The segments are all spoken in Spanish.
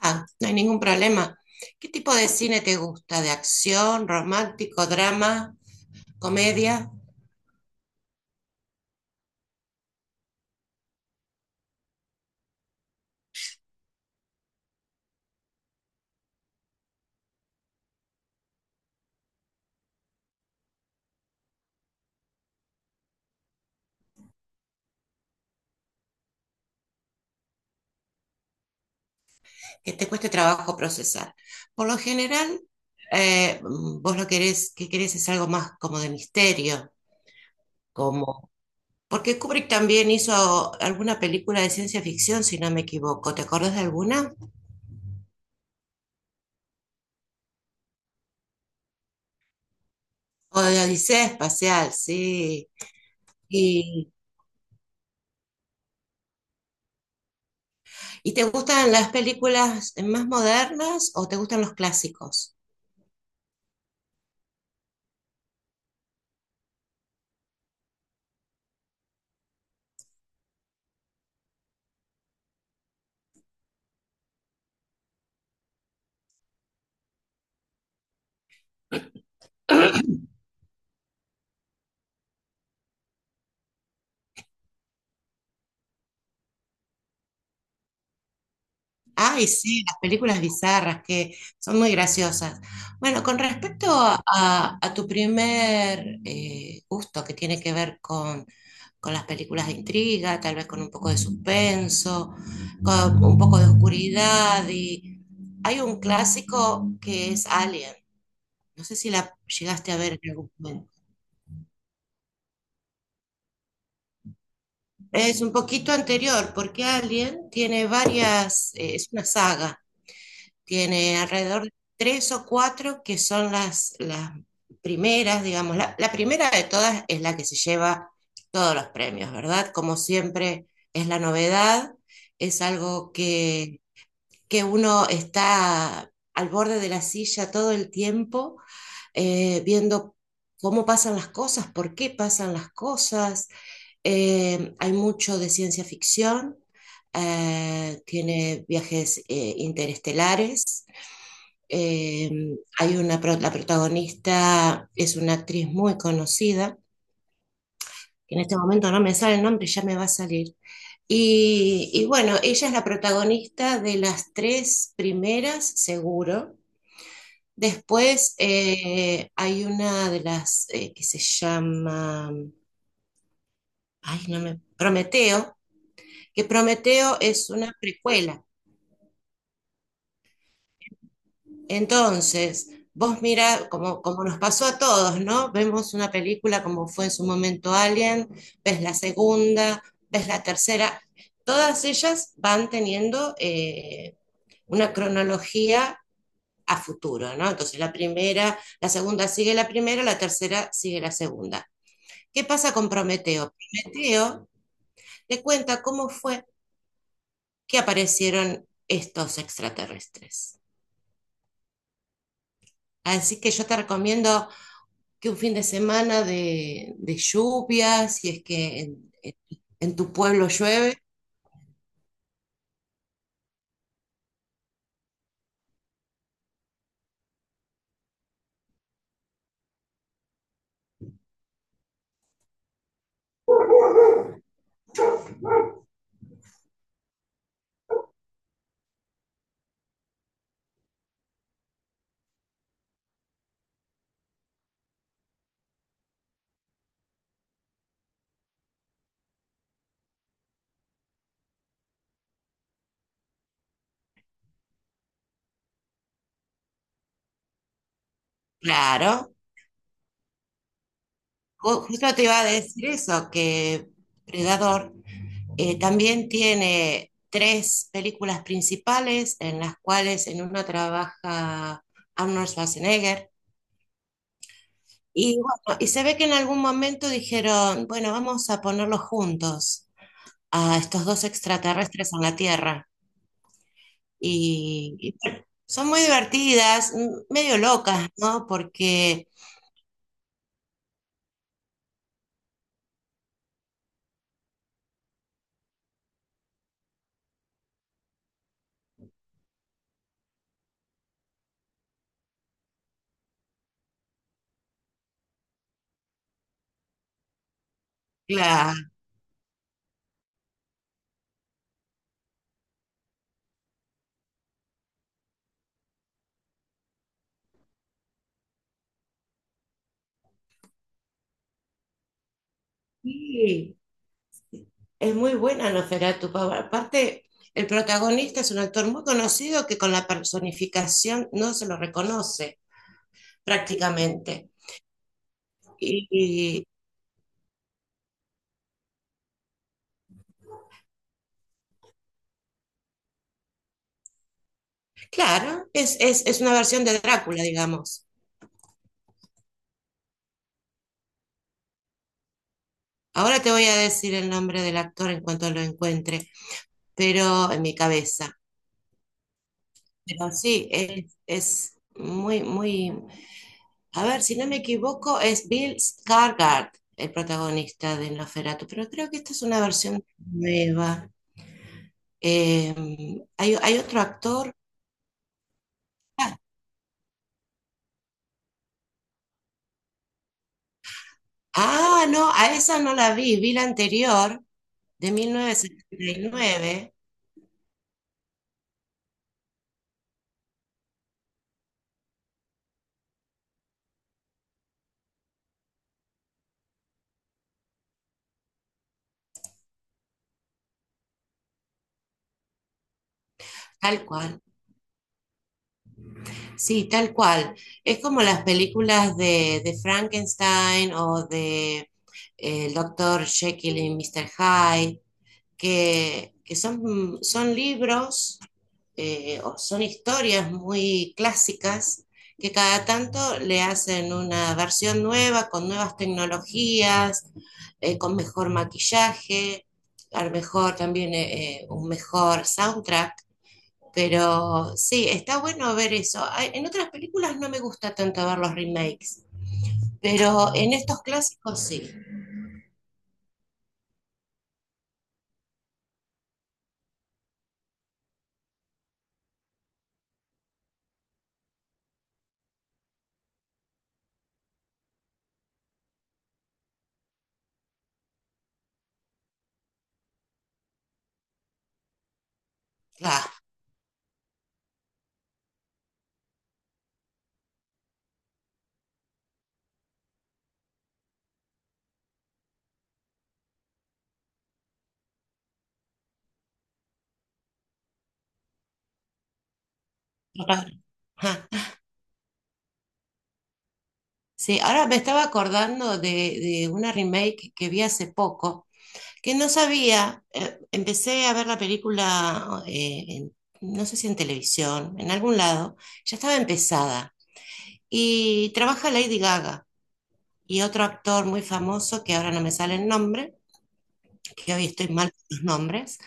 Ah, no hay ningún problema. ¿Qué tipo de cine te gusta? ¿De acción, romántico, drama, comedia? Que te cueste trabajo procesar. Por lo general, vos lo querés, que querés es algo más como de misterio, como... Porque Kubrick también hizo alguna película de ciencia ficción, si no me equivoco. ¿Te acordás de alguna? O de Odisea Espacial, sí. ¿Y, y te gustan las películas más modernas o te gustan los clásicos? Ay, sí, las películas bizarras que son muy graciosas. Bueno, con respecto a tu primer gusto que tiene que ver con las películas de intriga, tal vez con un poco de suspenso, con un poco de oscuridad, y hay un clásico que es Alien. No sé si la llegaste a ver en algún momento. Es un poquito anterior, porque Alien tiene varias, es una saga. Tiene alrededor de tres o cuatro que son las primeras, digamos. La primera de todas es la que se lleva todos los premios, ¿verdad? Como siempre es la novedad, es algo que uno está al borde de la silla todo el tiempo, viendo cómo pasan las cosas, por qué pasan las cosas. Hay mucho de ciencia ficción, tiene viajes interestelares eh, hay una, la protagonista es una actriz muy conocida, que en este momento no me sale el nombre, ya me va a salir. Y bueno, ella es la protagonista de las tres primeras, seguro. Después hay una de las que se llama, ay, no me, Prometeo, que Prometeo es una precuela. Entonces, vos mira, como nos pasó a todos, ¿no? Vemos una película como fue en su momento Alien, ves la segunda, ves la tercera, todas ellas van teniendo una cronología a futuro, ¿no? Entonces la primera, la segunda sigue la primera, la tercera sigue la segunda. ¿Qué pasa con Prometeo? Prometeo le cuenta cómo fue que aparecieron estos extraterrestres. Así que yo te recomiendo que un fin de semana de lluvia, si es que en tu pueblo llueve. Claro, justo te iba a decir eso, que Predador también tiene tres películas principales en las cuales en una trabaja Arnold Schwarzenegger. Y bueno, y se ve que en algún momento dijeron, bueno, vamos a ponerlos juntos a estos dos extraterrestres en la Tierra. Y, Son muy divertidas, medio locas, ¿no? Porque la Sí, es muy buena Nosferatu. Aparte, el protagonista es un actor muy conocido que con la personificación no se lo reconoce prácticamente. Y, y, claro, es una versión de Drácula, digamos. Ahora te voy a decir el nombre del actor en cuanto lo encuentre, pero en mi cabeza. Pero sí, es muy, muy... A ver, si no me equivoco, es Bill Skarsgård el protagonista de Nosferatu, pero creo que esta es una versión nueva. Eh, hay otro actor. Ah, ah, no, a esa no la vi, vi la anterior, de 1979 tal cual. Sí, tal cual. Es como las películas de Frankenstein o de El Doctor Jekyll y Mr. Hyde, que son libros o son historias muy clásicas que cada tanto le hacen una versión nueva con nuevas tecnologías, con mejor maquillaje, a lo mejor también un mejor soundtrack. Pero sí, está bueno ver eso. En otras películas no me gusta tanto ver los remakes, pero en estos clásicos sí. Claro. Sí, ahora me estaba acordando de una remake que vi hace poco, que no sabía, empecé a ver la película, no sé si en televisión, en algún lado, ya estaba empezada. Y trabaja Lady Gaga y otro actor muy famoso, que ahora no me sale el nombre, que hoy estoy mal con los nombres.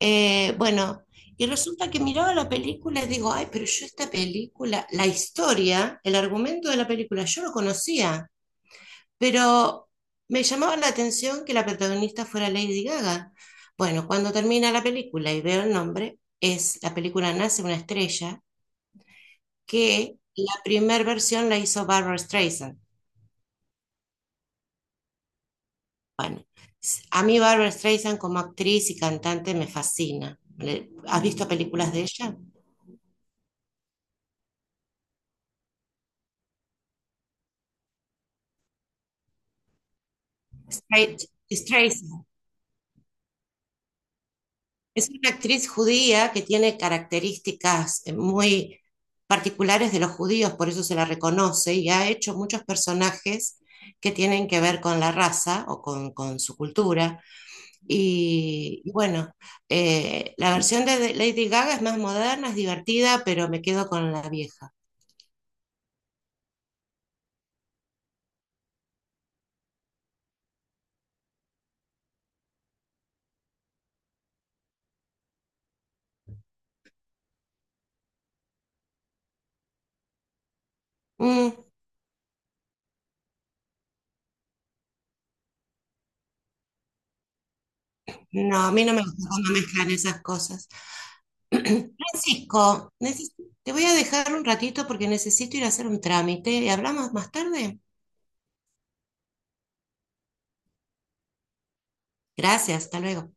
Bueno, y resulta que miraba la película y digo, ay, pero yo esta película, la historia, el argumento de la película, yo lo conocía. Pero me llamaba la atención que la protagonista fuera Lady Gaga. Bueno, cuando termina la película y veo el nombre, es la película Nace una estrella, que la primera versión la hizo Barbra Streisand. Bueno, a mí Barbra Streisand como actriz y cantante me fascina. ¿Has visto películas de ella? Straight, es una actriz judía que tiene características muy particulares de los judíos, por eso se la reconoce y ha hecho muchos personajes que tienen que ver con la raza o con su cultura. Y bueno, la versión de Lady Gaga es más moderna, es divertida, pero me quedo con la vieja. Mm, no, a mí no me gusta cuando mezclan esas cosas. Francisco, te voy a dejar un ratito porque necesito ir a hacer un trámite y hablamos más tarde. Gracias, hasta luego.